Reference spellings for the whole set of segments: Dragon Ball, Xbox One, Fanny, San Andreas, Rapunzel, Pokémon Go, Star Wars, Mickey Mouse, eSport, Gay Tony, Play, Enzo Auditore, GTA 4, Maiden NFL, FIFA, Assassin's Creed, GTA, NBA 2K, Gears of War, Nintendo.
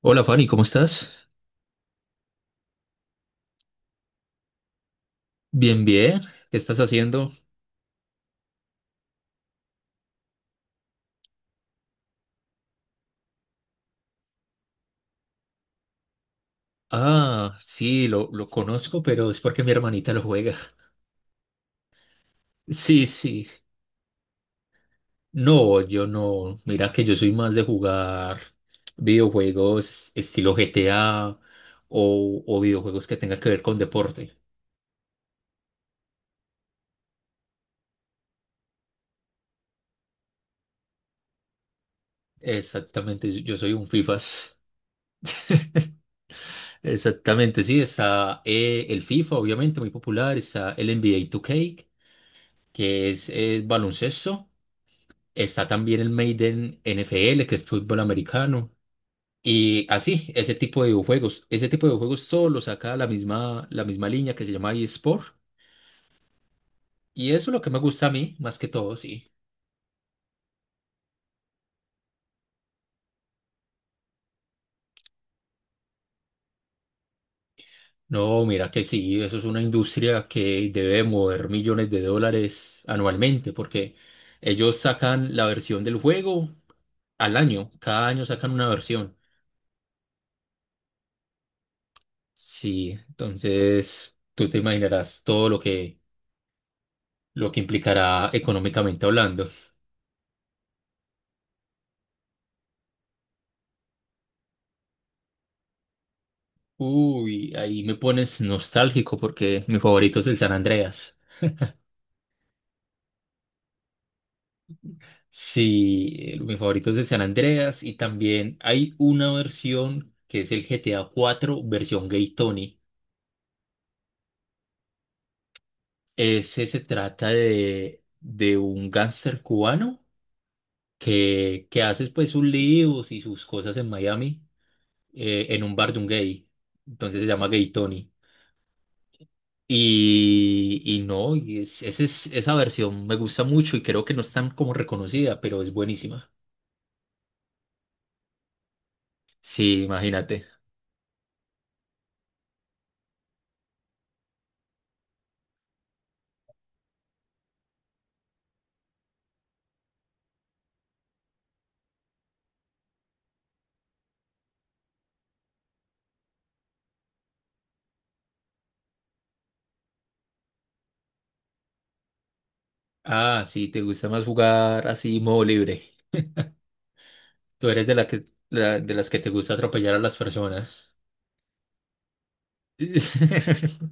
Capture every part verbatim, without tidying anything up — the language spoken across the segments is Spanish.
Hola Fanny, ¿cómo estás? Bien, bien. ¿Qué estás haciendo? Ah, sí, lo, lo conozco, pero es porque mi hermanita lo juega. Sí, sí. No, yo no. Mira que yo soy más de jugar videojuegos estilo G T A o, o videojuegos que tengan que ver con deporte. Exactamente, yo soy un FIFAs. Exactamente, sí. Está eh, el FIFA, obviamente, muy popular. Está el N B A dos K, que es eh, baloncesto. Está también el Maiden N F L, que es fútbol americano. Y así, ese tipo de videojuegos. Ese tipo de videojuegos solo saca la misma, la misma línea que se llama eSport. Y eso es lo que me gusta a mí, más que todo, sí. No, mira que sí, eso es una industria que debe mover millones de dólares anualmente, porque ellos sacan la versión del juego al año. Cada año sacan una versión. Sí, entonces tú te imaginarás todo lo que, lo que implicará económicamente hablando. Uy, ahí me pones nostálgico porque mi favorito es el San Andreas. Sí, el- mi favorito es el San Andreas y también hay una versión que es el G T A cuatro versión Gay Tony. Ese se trata de, de un gángster cubano que, que hace pues sus líos y sus cosas en Miami eh, en un bar de un gay. Entonces se llama Gay Tony. Y, y no, y es- ese es- esa versión me gusta mucho y creo que no es tan como reconocida, pero es buenísima. Sí, imagínate. Ah, sí, te gusta más jugar así, modo libre. Tú eres de la que, la- de las que te gusta atropellar a las personas.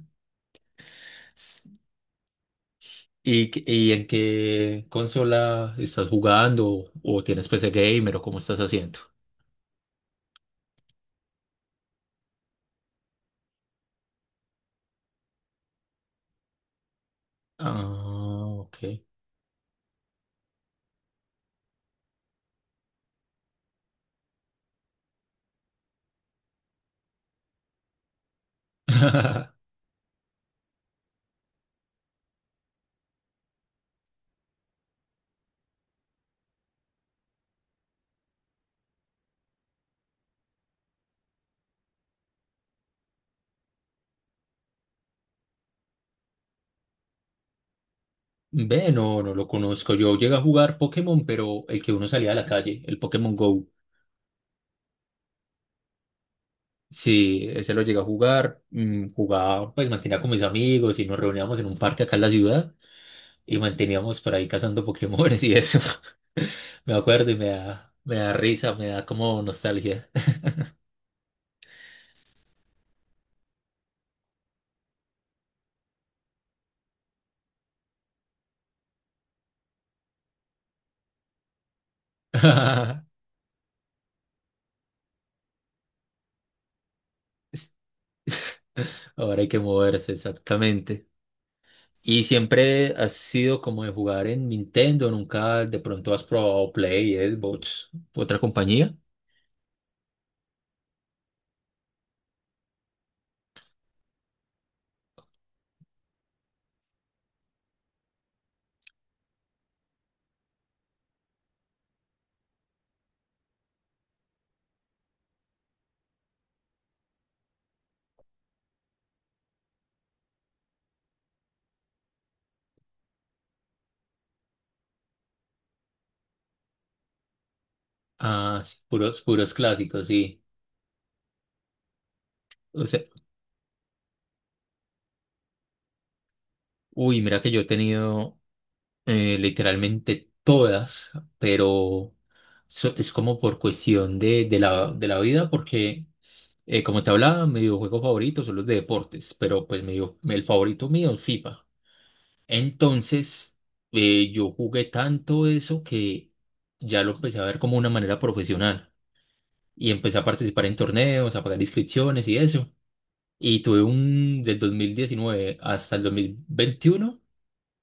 ¿Y, qué- y en qué consola estás jugando? ¿O tienes P C gamer o cómo estás haciendo? Ah, ok. Ve, no, no lo conozco. Yo llegué a jugar Pokémon, pero el que uno salía a la calle, el Pokémon Go. Sí, ese lo llegué a jugar. mm, Jugaba, pues mantenía con mis amigos y nos reuníamos en un parque acá en la ciudad y manteníamos por ahí cazando Pokémones y eso. Me acuerdo y me da, me da risa, me da como nostalgia. Es- Ahora hay que moverse, exactamente. ¿Y siempre has sido como de jugar en Nintendo? ¿Nunca de pronto has probado Play, Xbox, otra compañía? Ah, sí, puros, puros clásicos, sí. O sea, uy, mira que yo he tenido eh, literalmente todas, pero so- es como por cuestión de, de la, de la vida, porque eh, como te hablaba, mi videojuego favorito son los de deportes, pero pues mi video- el favorito mío es FIFA. Entonces, eh, yo jugué tanto eso que ya lo empecé a ver como una manera profesional y empecé a participar en torneos, a pagar inscripciones y eso. Y tuve un, del dos mil diecinueve hasta el dos mil veintiuno,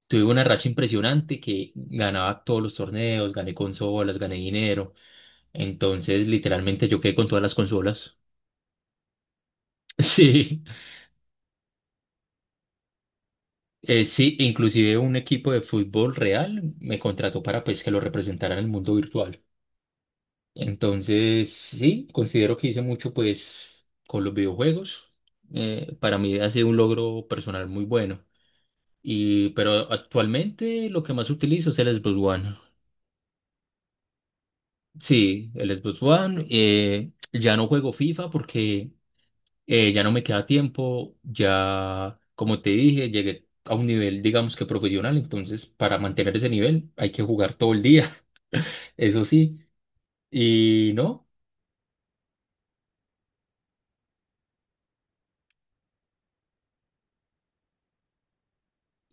tuve una racha impresionante que ganaba todos los torneos, gané consolas, gané dinero. Entonces, literalmente yo quedé con todas las consolas. Sí, eh, sí, inclusive un equipo de fútbol real me contrató para pues que lo representara en el mundo virtual. Entonces, sí, considero que hice mucho pues con los videojuegos. Eh, para mí ha sido un logro personal muy bueno. Y, pero actualmente lo que más utilizo es el Xbox One. Sí, el Xbox One. Eh, ya no juego FIFA porque eh, ya no me queda tiempo. Ya, como te dije, llegué a un nivel, digamos que profesional. Entonces, para mantener ese nivel hay que jugar todo el día, eso sí. Y no,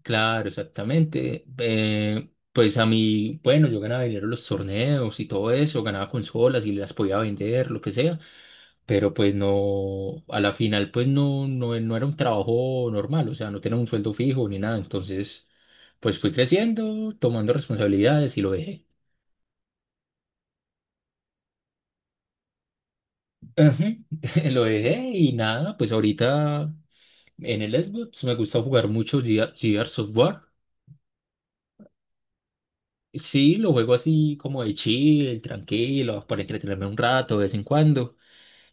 claro, exactamente. Eh, pues a mí, bueno, yo ganaba dinero en los torneos y todo eso, ganaba consolas y las podía vender, lo que sea. Pero pues no, a la final pues no, no, no era un trabajo normal, o sea, no tenía un sueldo fijo ni nada, entonces pues fui creciendo, tomando responsabilidades y lo dejé. Ajá, lo dejé y nada, pues ahorita en el Xbox me gusta jugar mucho Gear- Gears of war. Sí, lo juego así como de chill, tranquilo, para entretenerme un rato de vez en cuando.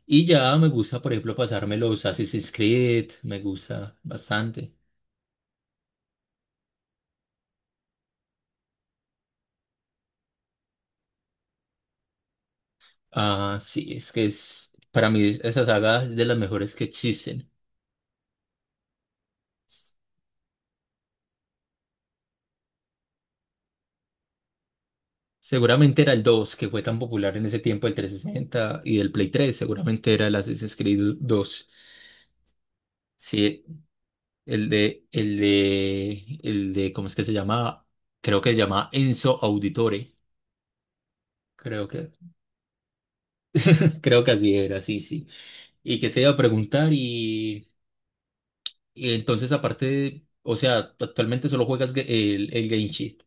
Y ya me gusta, por ejemplo, pasarme los Assassin's Creed, me gusta bastante. Ah, sí, es que es, para mí esa saga es de las mejores que existen. Seguramente era el dos que fue tan popular en ese tiempo, el trescientos sesenta y del Play tres. Seguramente era el Assassin's Creed dos. Sí, el de, el de, el de, ¿cómo es que se llamaba? Creo que se llamaba Enzo Auditore, creo que, creo que así era, sí, sí. Y que te iba a preguntar y, y entonces aparte, de- o sea, actualmente solo juegas ge- el, el Game Sheet.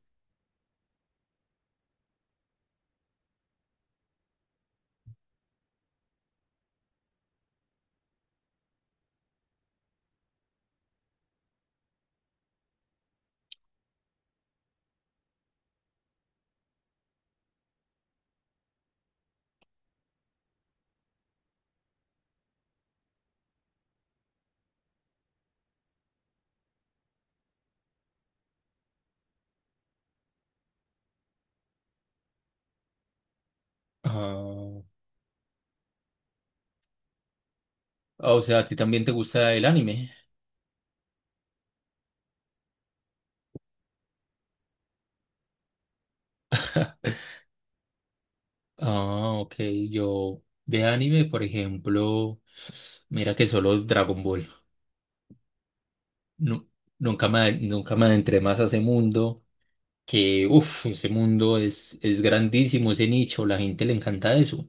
Ah, o sea, ¿a ti también te gusta el anime? Ah, ok. Yo de anime, por ejemplo, mira que solo Dragon Ball. Nu- nunca me, nunca me adentré más a ese mundo, que, uff, ese mundo es, es grandísimo, ese nicho, la gente le encanta eso.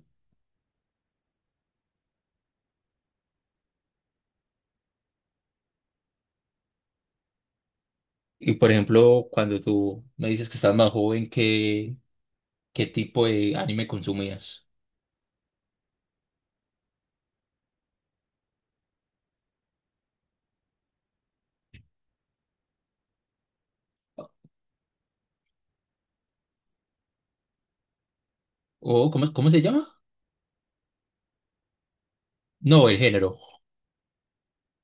Y por ejemplo, cuando tú me dices que estás más joven, ¿qué, qué tipo de anime consumías? ¿O cómo, cómo se llama? No, el género.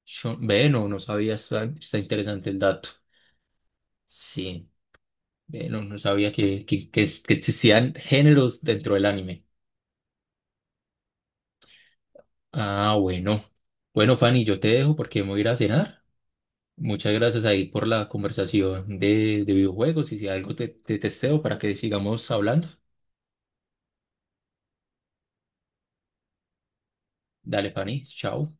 Yo, ve, no, no sabía, está, está interesante el dato. Sí, ve, no, no sabía que, que, que es- que existían géneros dentro del anime. Ah, bueno. Bueno, Fanny, yo te dejo porque me voy a ir a cenar. Muchas gracias ahí por la conversación de, de videojuegos y si algo te, te testeo para que sigamos hablando. Dale, Fanny, chao.